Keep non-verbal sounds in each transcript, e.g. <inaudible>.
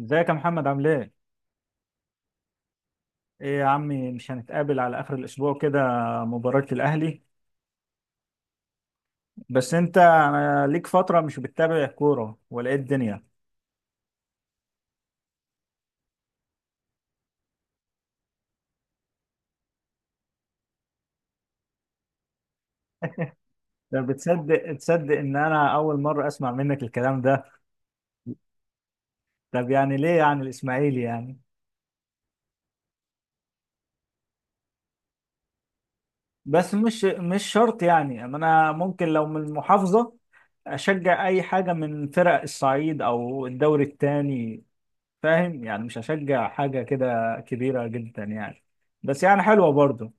ازيك يا محمد؟ عامل ايه؟ ايه يا عمي، مش هنتقابل على اخر الاسبوع كده؟ مباراة الاهلي. بس انت، انا ليك فترة مش بتتابع كورة ولا ايه الدنيا؟ طب بتصدق ان انا اول مرة اسمع منك الكلام ده؟ طب يعني ليه يعني الاسماعيلي يعني؟ بس مش شرط، يعني انا ممكن لو من المحافظة اشجع اي حاجة من فرق الصعيد او الدوري التاني. فاهم؟ يعني مش هشجع حاجة كده كبيرة جدا يعني. بس يعني حلوة برضه.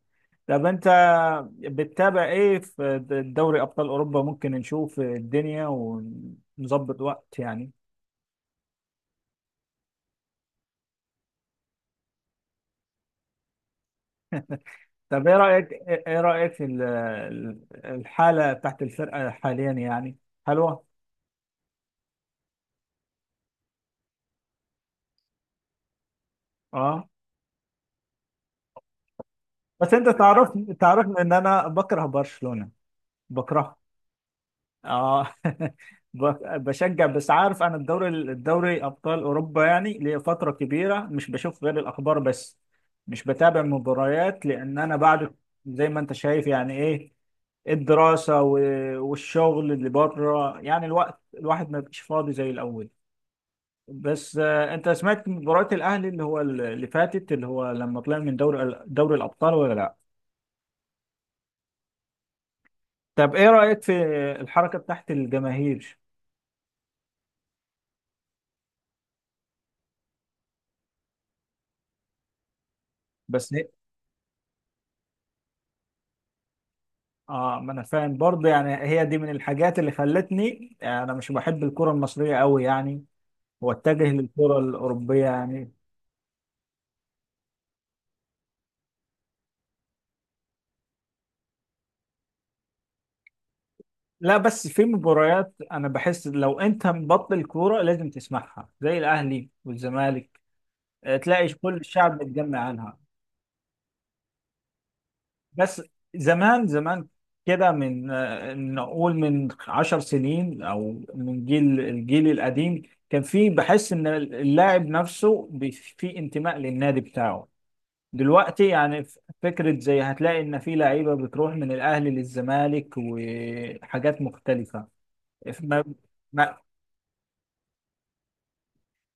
طب انت بتتابع ايه في دوري ابطال اوروبا؟ ممكن نشوف الدنيا ونظبط وقت يعني. طب ايه رايك، في الحاله بتاعت الفرقه حاليا يعني؟ حلوه. اه، بس انت تعرفني ان انا بكره برشلونه. بكرهها. اه. <laughs> بشجع، بس عارف، انا الدوري ابطال اوروبا يعني لفتره كبيره مش بشوف غير الاخبار بس. مش بتابع مباريات، لان انا بعد، زي ما انت شايف يعني، ايه، والشغل اللي بره، يعني الوقت الواحد ما بقاش فاضي زي الاول. بس انت سمعت مباراه الاهلي اللي هو اللي فاتت، اللي هو لما طلع من دوري الابطال ولا لا؟ طب ايه رايك في الحركه بتاعت الجماهير؟ بس اه، ما انا فاهم برضه، يعني هي دي من الحاجات اللي خلتني يعني انا مش بحب الكرة المصرية قوي، يعني واتجه للكرة الأوروبية يعني. لا، بس في مباريات انا بحس لو انت مبطل الكورة لازم تسمعها، زي الاهلي والزمالك. تلاقي كل الشعب متجمع عنها. بس زمان، كده، من نقول من 10 سنين، او من الجيل القديم، كان في، بحس ان اللاعب نفسه في انتماء للنادي بتاعه. دلوقتي يعني، فكرة زي، هتلاقي إن في لعيبة بتروح من الأهلي للزمالك وحاجات مختلفة. ف- ما ما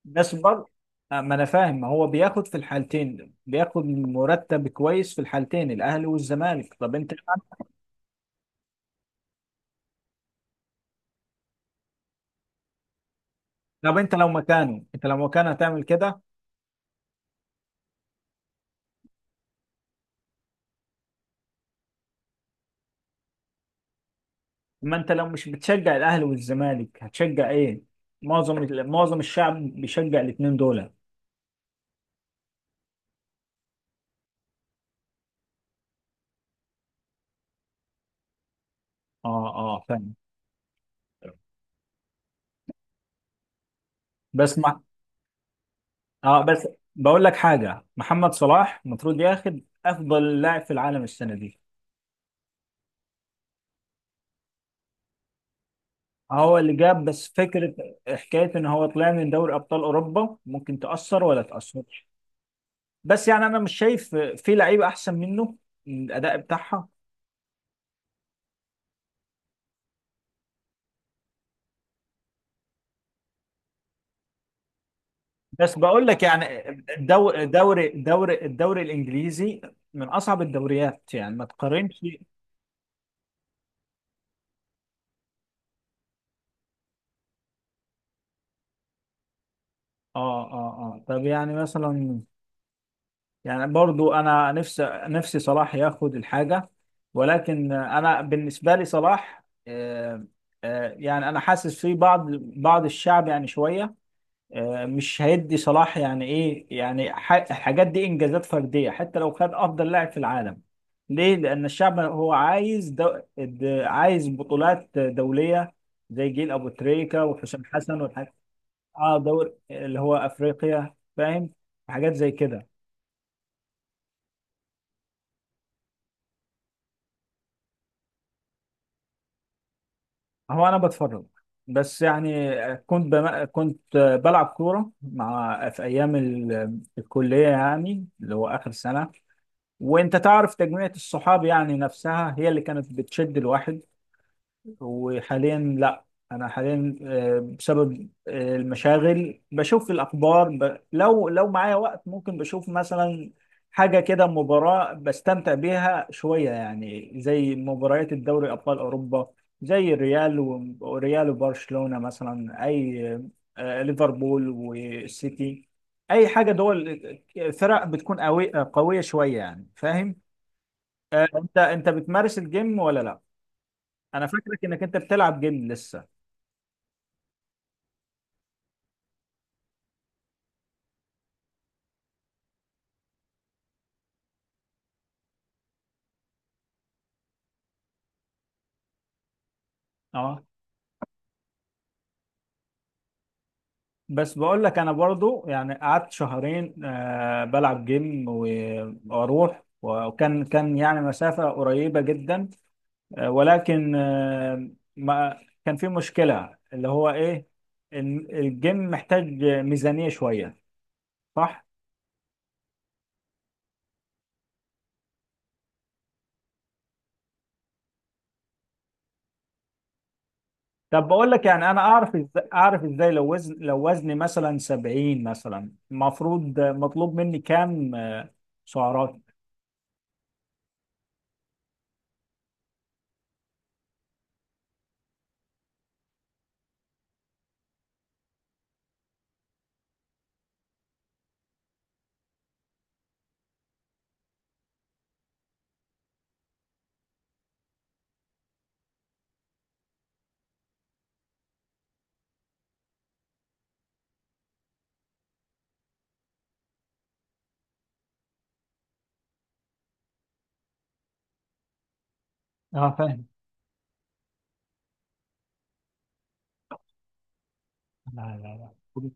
بس برضه ما أنا فاهم. ما هو بياخد في الحالتين، بياخد مرتب كويس في الحالتين، الأهلي والزمالك. طب أنت، لو مكانه، هتعمل كده؟ ما أنت لو مش بتشجع الأهلي والزمالك هتشجع إيه؟ معظم الشعب بيشجع الاتنين دول. أه. أه، فاهم. بس اه، بس بقول لك حاجه: محمد صلاح المفروض ياخد افضل لاعب في العالم السنه دي. هو اللي جاب، بس فكره، حكايه ان هو طلع من دوري ابطال اوروبا ممكن تاثر، ولا تاثر؟ بس يعني انا مش شايف في لعيبه احسن منه من الاداء بتاعها. بس بقول لك يعني، الدوري الانجليزي من اصعب الدوريات، يعني ما تقارنش. اه. اه طب يعني مثلا، يعني برضو انا نفسي، صلاح ياخد الحاجه. ولكن انا بالنسبه لي، صلاح، يعني انا حاسس في بعض الشعب يعني شويه مش هيدي صلاح يعني. ايه يعني؟ الحاجات دي انجازات فرديه. حتى لو خد افضل لاعب في العالم، ليه؟ لان الشعب هو عايز عايز بطولات دوليه، زي جيل ابو تريكه وحسام حسن والحاجات. اه، دور اللي هو افريقيا، فاهم؟ حاجات زي كده. هو انا بتفرج، بس يعني كنت بلعب كوره مع، في ايام الكليه، يعني اللي هو اخر سنه. وانت تعرف، تجميعة الصحاب يعني نفسها هي اللي كانت بتشد الواحد. وحاليا لا، انا حاليا بسبب المشاغل بشوف الاخبار، لو معايا وقت ممكن بشوف مثلا حاجه كده، مباراه بستمتع بيها شويه، يعني زي مباريات الدوري ابطال اوروبا، زي الريال وريال وبرشلونه مثلا، اي ليفربول والسيتي، اي حاجه دول، فرق بتكون قويه شويه يعني، فاهم؟ انت، بتمارس الجيم ولا لا؟ انا فاكرك انك انت بتلعب جيم لسه. اه، بس بقول لك انا برضو، يعني قعدت شهرين آه بلعب جيم واروح، وكان يعني مسافة قريبة جدا، آه، ولكن آه، ما كان في مشكلة اللي هو ايه، الجيم محتاج ميزانية شوية، صح؟ طب بقول لك يعني، انا اعرف ازاي، لو لو وزني مثلا 70 مثلا، المفروض مطلوب مني كام سعرات؟ اه فاهم. لا لا لا.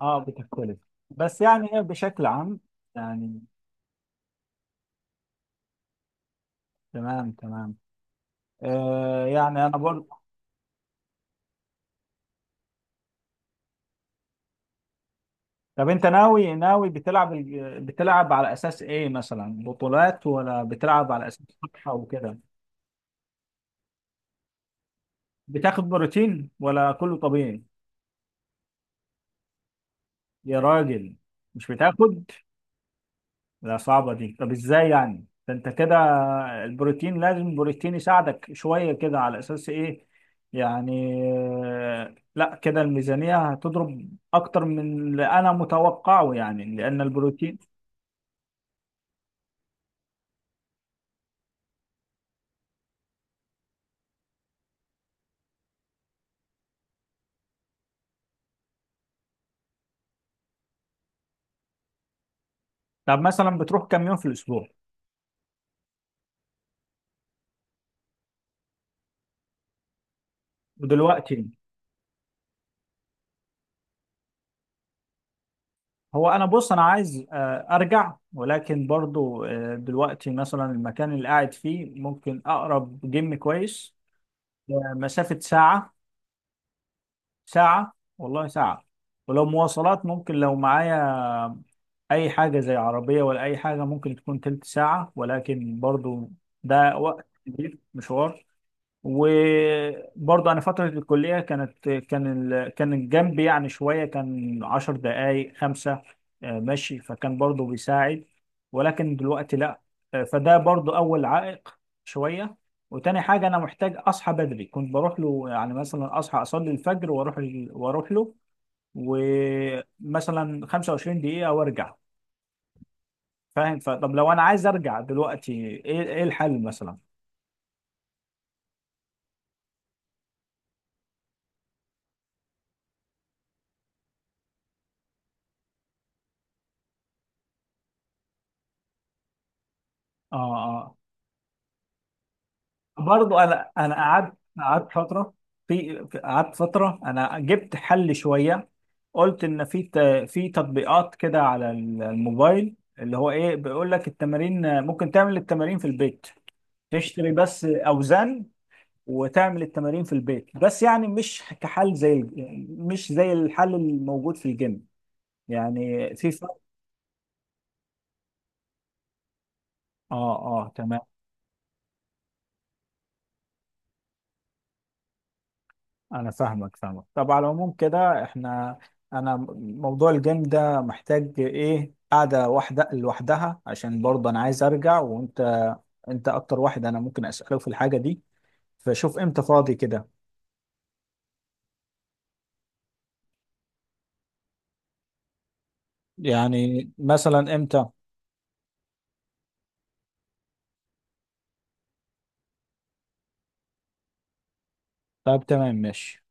اه بتختلف. بس يعني ايه بشكل عام يعني؟ تمام، تمام. آه يعني انا برضه. طب انت ناوي، بتلعب بتلعب على اساس ايه، مثلا بطولات، ولا بتلعب على اساس صحة وكده؟ بتاخد بروتين ولا كله طبيعي؟ يا راجل، مش بتاخد؟ لا، صعبة دي. طب ازاي يعني؟ ده انت كده البروتين، لازم البروتين يساعدك شوية. كده على اساس ايه يعني؟ لا كده الميزانية هتضرب اكتر من اللي انا متوقعه يعني، لان البروتين. طب مثلا بتروح كام يوم في الاسبوع؟ ودلوقتي، هو انا بص، انا عايز ارجع، ولكن برضو دلوقتي مثلا المكان اللي قاعد فيه، ممكن اقرب جيم كويس مسافة ساعة. ساعة، والله ساعة. ولو مواصلات، ممكن لو معايا أي حاجة زي عربية ولا أي حاجة ممكن تكون تلت ساعة، ولكن برضو ده وقت كبير، مشوار. وبرضه انا فتره الكليه، كان الجنب يعني شويه، كان 10 دقائق، خمسه مشي، فكان برضه بيساعد. ولكن دلوقتي لا. فده برضه اول عائق شويه. وتاني حاجه، انا محتاج اصحى بدري. كنت بروح له يعني، مثلا اصحى اصلي الفجر واروح له، ومثلا 25 دقيقه وارجع. فاهم؟ فطب لو انا عايز ارجع دلوقتي، ايه، الحل مثلا؟ اه برضو انا، قعدت فتره، قعدت فتره، انا جبت حل شويه. قلت ان في في تطبيقات كده على الموبايل اللي هو ايه، بيقول لك التمارين، ممكن تعمل التمارين في البيت، تشتري بس اوزان وتعمل التمارين في البيت. بس يعني مش كحل زي مش زي الحل الموجود في الجيم، يعني في فرق. اه. اه تمام. انا فاهمك، طب على العموم كده احنا، انا موضوع الجيم ده محتاج ايه، قاعده واحده لوحدها، عشان برضه انا عايز ارجع، وانت اكتر واحد انا ممكن اساله في الحاجه دي. فشوف امتى فاضي كده. يعني مثلا امتى؟ طب تمام، ماشي.